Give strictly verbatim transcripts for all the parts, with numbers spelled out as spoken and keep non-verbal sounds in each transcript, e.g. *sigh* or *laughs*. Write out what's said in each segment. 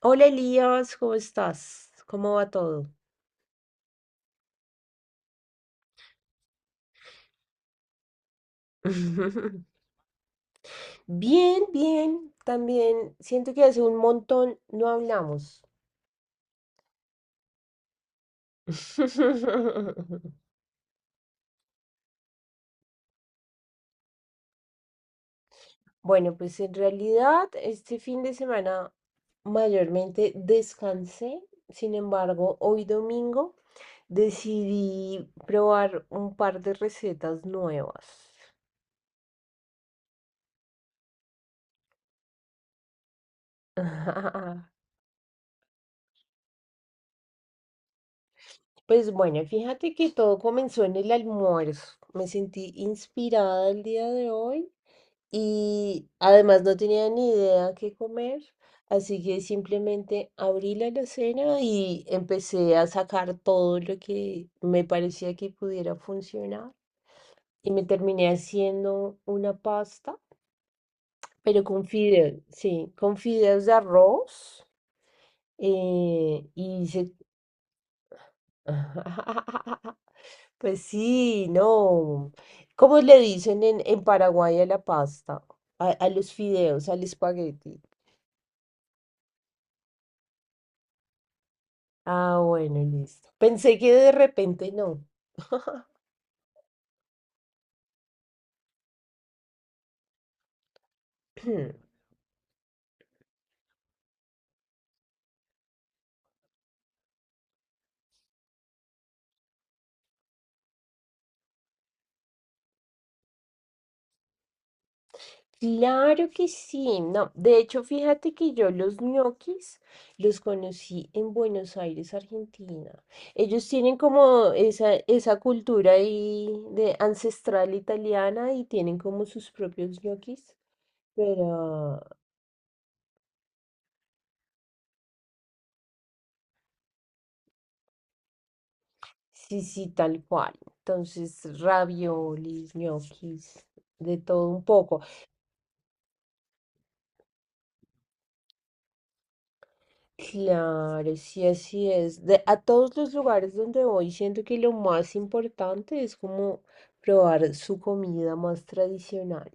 Hola Elías, ¿cómo estás? ¿Cómo va todo? *laughs* Bien, bien, también siento que hace un montón no hablamos. *laughs* Bueno, pues en realidad este fin de semana mayormente descansé, sin embargo, hoy domingo decidí probar un par de recetas nuevas. *laughs* Pues bueno, fíjate que todo comenzó en el almuerzo. Me sentí inspirada el día de hoy y además no tenía ni idea qué comer, así que simplemente abrí la alacena y empecé a sacar todo lo que me parecía que pudiera funcionar y me terminé haciendo una pasta, pero con fideos, sí, con fideos de arroz eh, y hice. *laughs* Pues sí, no. ¿Cómo le dicen en, en Paraguay a la pasta? A, a los fideos, al espagueti. Ah, bueno, listo. Pensé que de repente no. *clears throat* Claro que sí, no. De hecho, fíjate que yo los ñoquis los conocí en Buenos Aires, Argentina. Ellos tienen como esa, esa cultura ahí de ancestral italiana y tienen como sus propios ñoquis. Pero sí, sí, tal cual. Entonces, raviolis, ñoquis, de todo un poco. Claro, sí, así es. De, a todos los lugares donde voy, siento que lo más importante es como probar su comida más tradicional.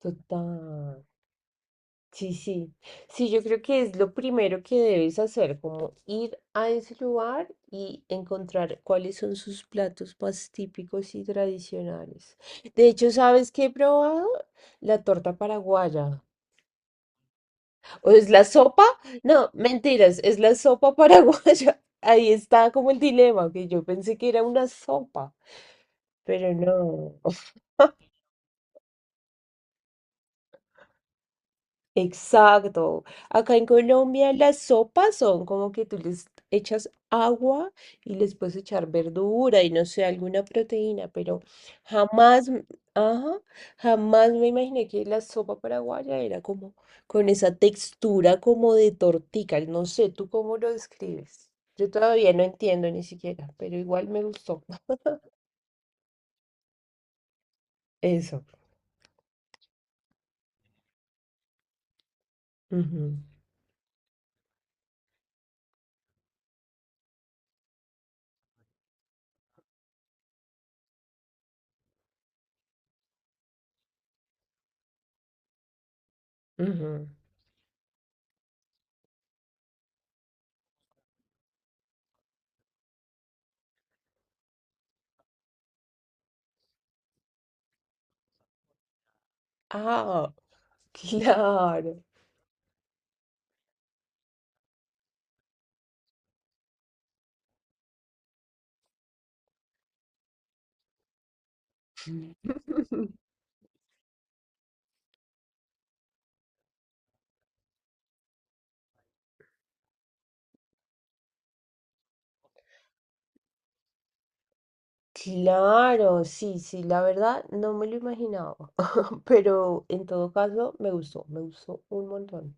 Total. Sí, sí. Sí, yo creo que es lo primero que debes hacer, como ir a ese lugar y encontrar cuáles son sus platos más típicos y tradicionales. De hecho, ¿sabes qué he probado? La torta paraguaya. ¿O es la sopa? No, mentiras, es la sopa paraguaya. *laughs* Ahí está como el dilema, que yo pensé que era una sopa, pero no. Exacto. Acá en Colombia las sopas son como que tú les echas agua y les puedes echar verdura y no sé, alguna proteína, pero jamás, m- ajá, jamás me imaginé que la sopa paraguaya era como con esa textura como de tortica. No sé, ¿tú cómo lo describes? Yo todavía no entiendo ni siquiera, pero igual me gustó. *laughs* Eso. Ujú, ujú. Ah, *laughs* claro. Claro, sí, sí, la verdad no me lo imaginaba, *laughs* pero en todo caso me gustó, me gustó un montón.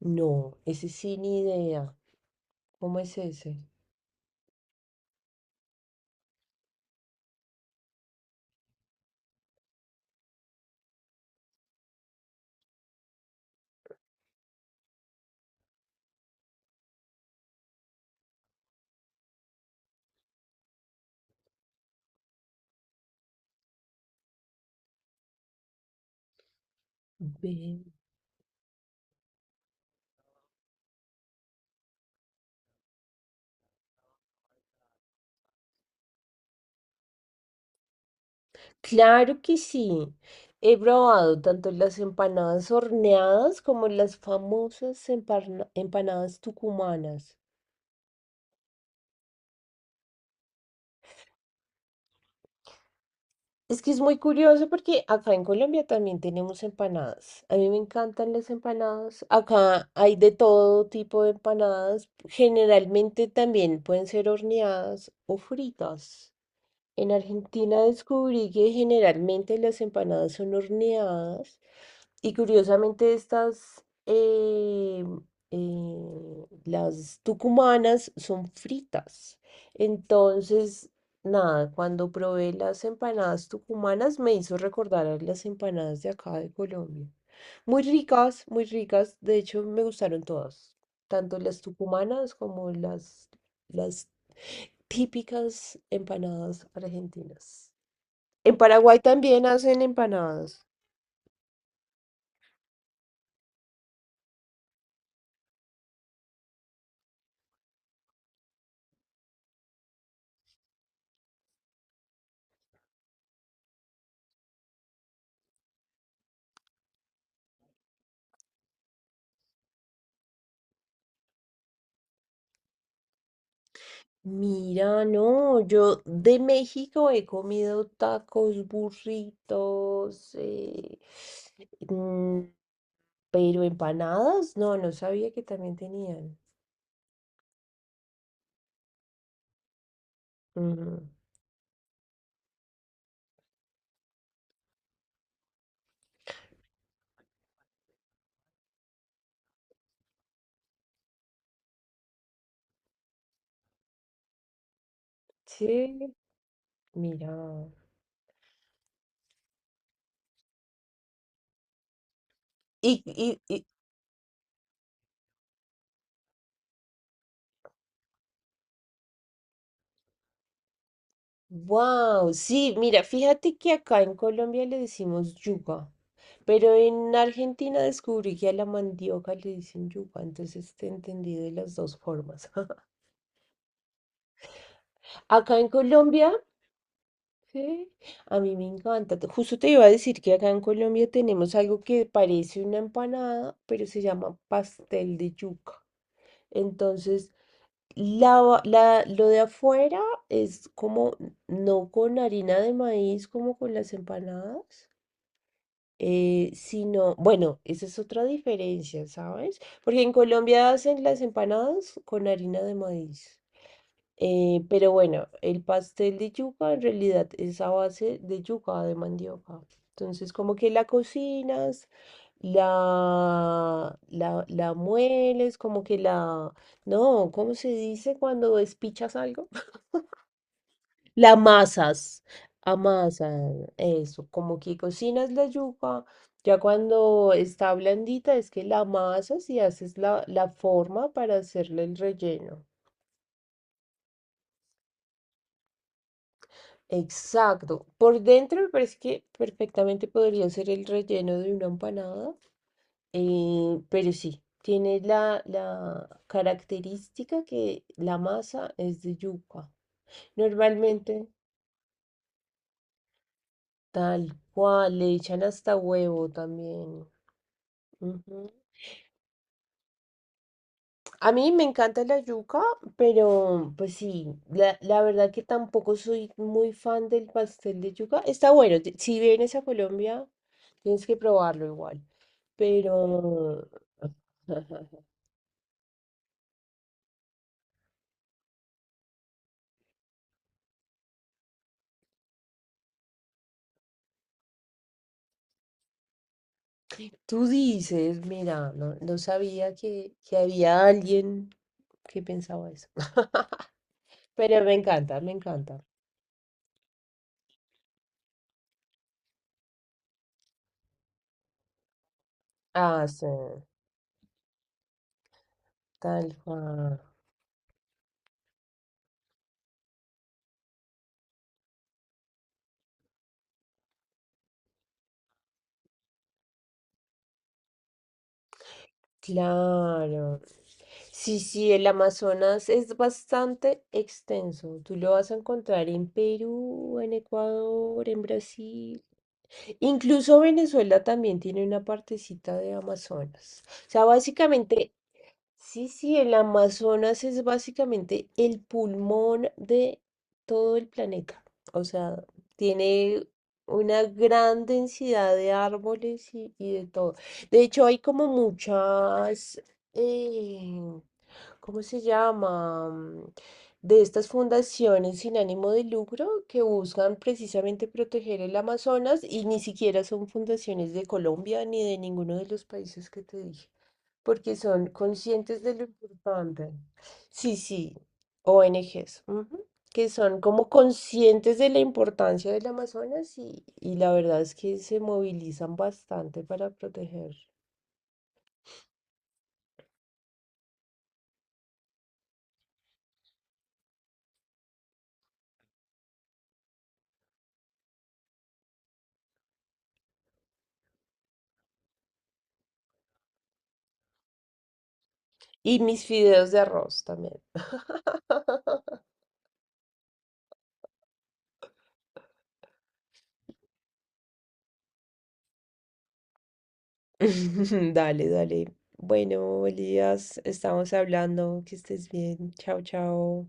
No, ese sí ni idea. ¿Cómo es ese? Ve. Claro que sí. He probado tanto las empanadas horneadas como las famosas emparna- empanadas tucumanas. Es que es muy curioso porque acá en Colombia también tenemos empanadas. A mí me encantan las empanadas. Acá hay de todo tipo de empanadas. Generalmente también pueden ser horneadas o fritas. En Argentina descubrí que generalmente las empanadas son horneadas y curiosamente estas, eh, eh, las tucumanas son fritas. Entonces, nada, cuando probé las empanadas tucumanas me hizo recordar a las empanadas de acá de Colombia. Muy ricas, muy ricas. De hecho, me gustaron todas, tanto las tucumanas como las, las típicas empanadas argentinas. En Paraguay también hacen empanadas. Mira, no, yo de México he comido tacos, burritos, eh, mm, pero empanadas, no, no sabía que también tenían. Ujú. Sí, mira. Y, y, y, wow, sí, mira, fíjate que acá en Colombia le decimos yuca. Pero en Argentina descubrí que a la mandioca le dicen yuca, entonces te entendí de las dos formas. *laughs* Acá en Colombia, sí, a mí me encanta. Te- justo te iba a decir que acá en Colombia tenemos algo que parece una empanada, pero se llama pastel de yuca. Entonces, la, va- la- lo de afuera es como no con harina de maíz, como con las empanadas. Eh, sino, bueno, esa es otra diferencia, ¿sabes? Porque en Colombia hacen las empanadas con harina de maíz. Eh, pero bueno, el pastel de yuca en realidad es a base de yuca, de mandioca. Entonces, como que la cocinas, la, la, la mueles, como que la... No, ¿cómo se dice cuando despichas algo? La amasas, amasan, eso, como que cocinas la yuca, ya cuando está blandita es que la amasas y haces la, la forma para hacerle el relleno. Exacto, por dentro me parece que perfectamente podría ser el relleno de una empanada, eh, pero sí, tiene la, la característica que la masa es de yuca. Normalmente, tal cual, le echan hasta huevo también. Ujú. A mí me encanta la yuca, pero pues sí, la, la verdad que tampoco soy muy fan del pastel de yuca. Está bueno, te- si vienes a Colombia, tienes que probarlo igual. Pero *laughs* tú dices, mira, no, no sabía que, que había alguien que pensaba eso. *laughs* Pero me encanta, me encanta. Ah, sí, tal cual. Claro. Sí, sí, el Amazonas es bastante extenso. Tú lo vas a encontrar en Perú, en Ecuador, en Brasil. Incluso Venezuela también tiene una partecita de Amazonas. O sea, básicamente, sí, sí, el Amazonas es básicamente el pulmón de todo el planeta. O sea, tiene una gran densidad de árboles y, y de todo. De hecho, hay como muchas, eh, ¿cómo se llama? Mm, de estas fundaciones sin ánimo de lucro que buscan precisamente proteger el Amazonas y ni siquiera son fundaciones de Colombia ni de ninguno de los países que te dije, porque son conscientes de lo importante. Sí, sí, O N Ges que son como conscientes de la importancia del Amazonas y, y la verdad es que se movilizan bastante para proteger. Y mis fideos de arroz también. *laughs* Dale, dale. Bueno, Elías, estamos hablando. Que estés bien. Chao, chao.